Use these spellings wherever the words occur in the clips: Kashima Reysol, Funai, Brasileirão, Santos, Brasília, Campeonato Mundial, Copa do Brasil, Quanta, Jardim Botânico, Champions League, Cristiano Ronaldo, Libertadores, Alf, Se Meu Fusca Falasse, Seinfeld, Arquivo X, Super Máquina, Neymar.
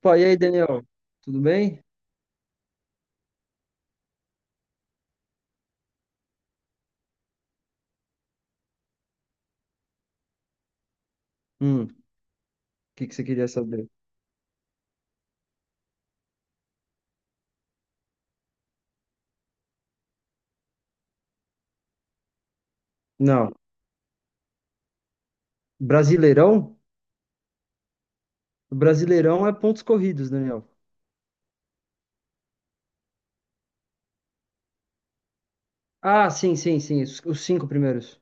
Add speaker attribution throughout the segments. Speaker 1: Pô, e aí, Daniel? Tudo bem? O que que você queria saber? Não. Brasileirão? Brasileirão é pontos corridos, Daniel. Ah, sim, sim, sim. Os cinco primeiros.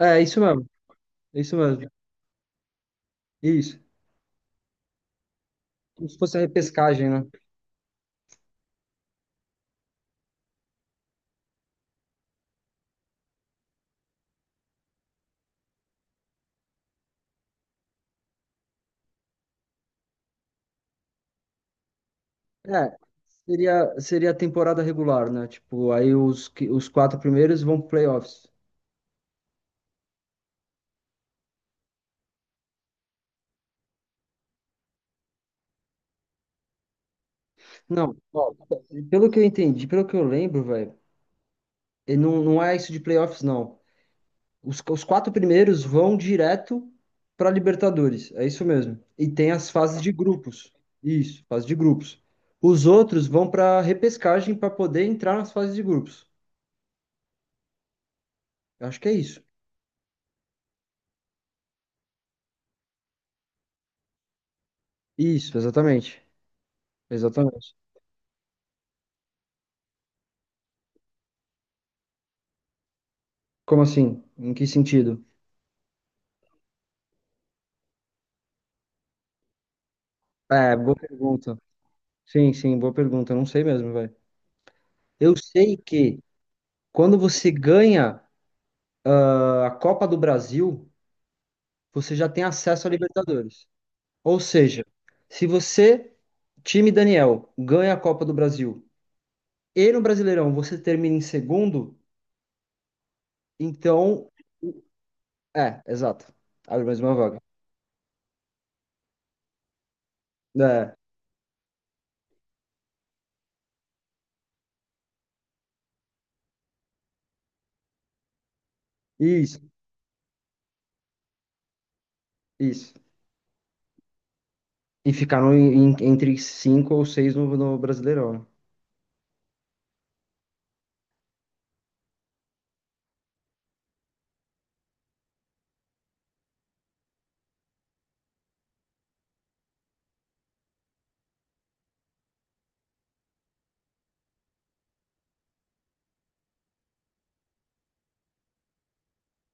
Speaker 1: É, isso mesmo. É Isso mesmo. Isso. Como se fosse a repescagem, né? É, seria a temporada regular, né? Tipo, aí os, os quatro primeiros vão pro playoffs. Não, ó, pelo que eu entendi, pelo que eu lembro, velho, e não é isso de playoffs, não. Os quatro primeiros vão direto para Libertadores, é isso mesmo. E tem as fases de grupos. Isso, fase de grupos. Os outros vão para repescagem para poder entrar nas fases de grupos. Eu acho que é isso. Isso, exatamente. Exatamente. Como assim? Em que sentido? É, boa pergunta. Sim, sim, boa pergunta. Eu não sei mesmo, velho. Eu sei que quando você ganha a Copa do Brasil, você já tem acesso à Libertadores. Ou seja, se você, time Daniel, ganha a Copa do Brasil e no Brasileirão você termina em segundo, então. É, exato. Abre mais uma vaga. É, isso, isso. E ficar no- em- entre cinco ou seis no, no Brasileirão. Né?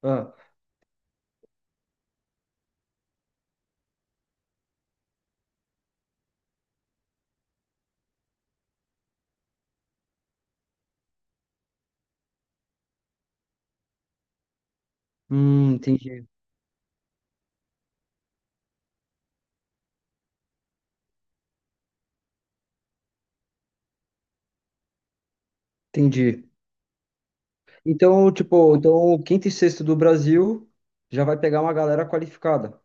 Speaker 1: Ah, entendi, entendi. Então, tipo, então o quinto e sexto do Brasil já vai pegar uma galera qualificada.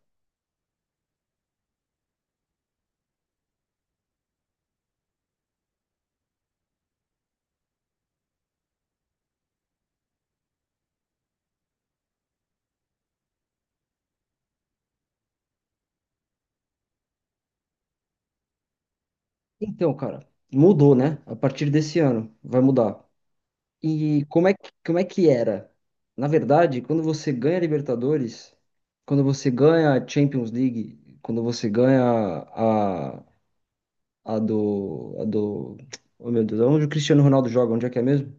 Speaker 1: Então, cara, mudou, né? A partir desse ano vai mudar. E como é que era? Na verdade, quando você ganha Libertadores, quando você ganha a Champions League, quando você ganha a, a do, a do, oh meu Deus, onde o Cristiano Ronaldo joga, onde é que é mesmo?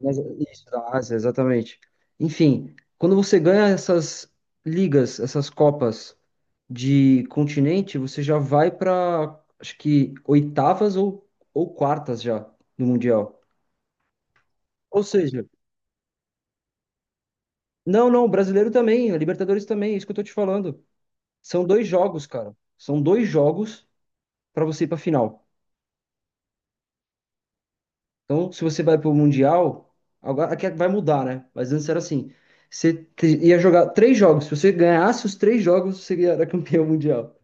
Speaker 1: Mas, isso, da Ásia, exatamente. Enfim, quando você ganha essas ligas, essas copas de continente, você já vai para, acho que oitavas ou quartas já no Mundial. Ou seja, não, não, o brasileiro também, a Libertadores também, é isso que eu tô te falando. São dois jogos, cara. São dois jogos pra você ir pra final. Então, se você vai pro Mundial, agora aqui vai mudar, né? Mas antes era assim, ia jogar três jogos. Se você ganhasse os três jogos, você era campeão mundial.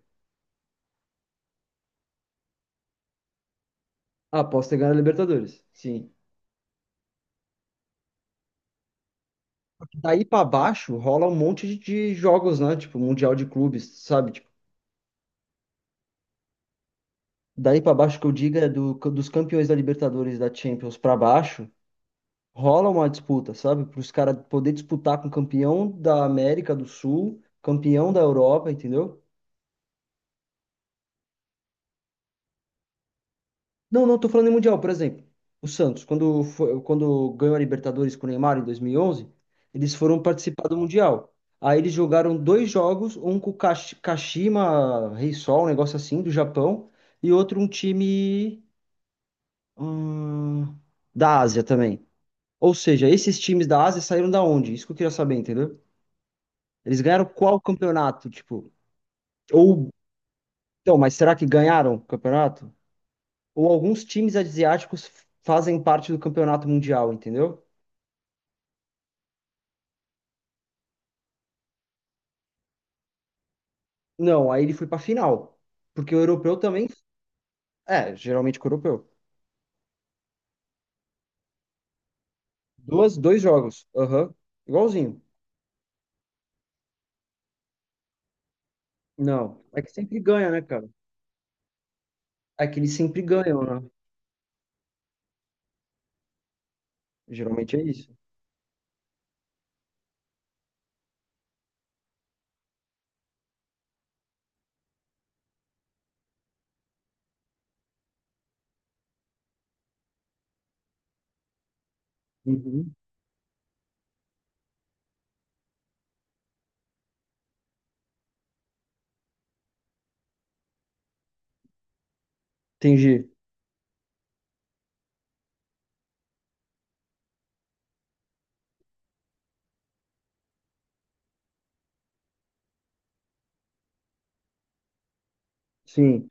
Speaker 1: Ah, posso ter ganhado a Libertadores. Sim. Daí pra baixo rola um monte de jogos, né? Tipo, Mundial de clubes, sabe? Tipo, daí pra baixo que eu digo é dos campeões da Libertadores, e da Champions pra baixo. Rola uma disputa, sabe? Para os caras poder disputar com o campeão da América do Sul, campeão da Europa, entendeu? Não, não tô falando em Mundial, por exemplo. O Santos, quando, foi, quando ganhou a Libertadores com o Neymar em 2011, eles foram participar do Mundial. Aí eles jogaram dois jogos, um com o Kashima Reysol, um negócio assim, do Japão, e outro um time hum, da Ásia também. Ou seja, esses times da Ásia saíram da onde? Isso que eu queria saber, entendeu? Eles ganharam qual campeonato, tipo? Ou, então, mas será que ganharam o campeonato? Ou alguns times asiáticos fazem parte do campeonato mundial, entendeu? Não, aí ele foi pra final. Porque o europeu também. É, geralmente com o europeu. Duas, dois jogos. Aham. Igualzinho. Não. É que sempre ganha, né, cara? É que eles sempre ganham, né? Geralmente é isso. Uhum. Entendi. Sim.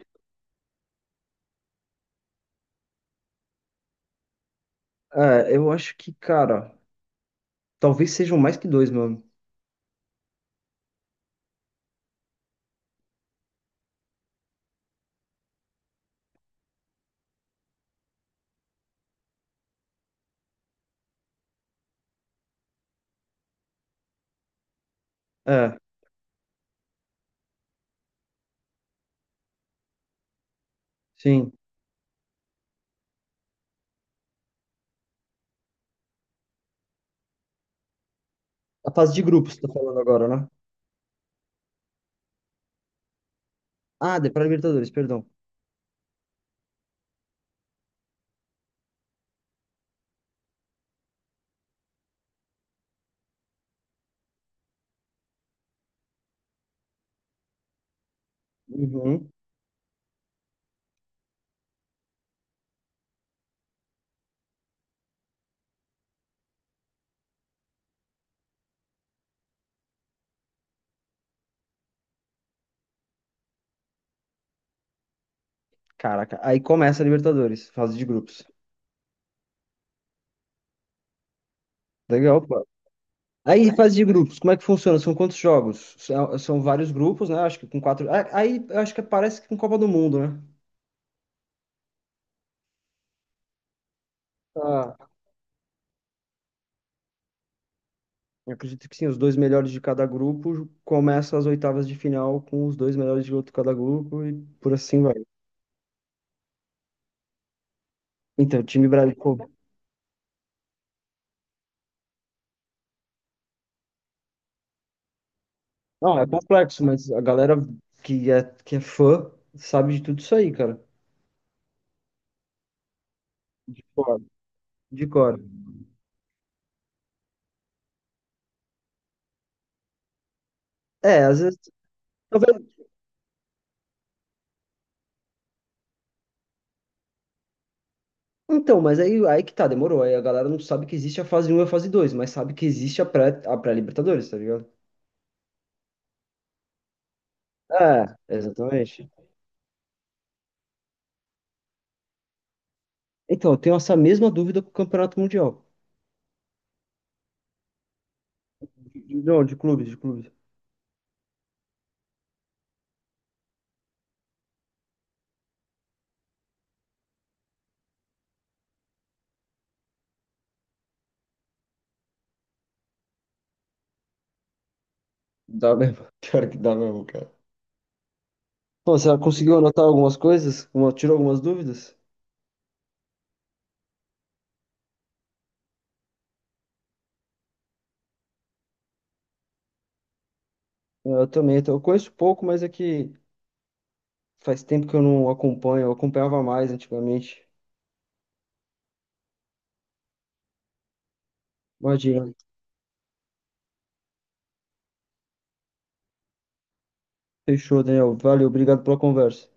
Speaker 1: É, eu acho que, cara, talvez sejam mais que dois, mano. É, sim. A fase de grupos, tá falando agora, né? Ah, de para Libertadores, perdão. Uhum. Caraca, aí começa a Libertadores, fase de grupos. Legal, pô. Aí, fase de grupos, como é que funciona? São quantos jogos? São, são vários grupos, né? Acho que com quatro. Aí, eu acho que parece que com Copa do Mundo, né? Ah, eu acredito que sim, os dois melhores de cada grupo começam as oitavas de final com os dois melhores de outro cada grupo e por assim vai. Então, o time brasileiro. Não, é complexo, mas a galera que é fã sabe de tudo isso aí, cara. De cor. De cor. É, às vezes. Então, mas aí, aí que tá, demorou. Aí a galera não sabe que existe a fase um e a fase 2, mas sabe que existe a pré, a pré-Libertadores, tá ligado? É, exatamente. Então, eu tenho essa mesma dúvida com o Campeonato Mundial. Não, de clubes, de clubes. Dá mesmo. Pior que dá mesmo, cara. Pô, você conseguiu anotar algumas coisas? Tirou algumas dúvidas? Eu também, então, eu conheço pouco, mas é que faz tempo que eu não acompanho, eu acompanhava mais antigamente. Imagina. Fechou, Daniel. Valeu, obrigado pela conversa.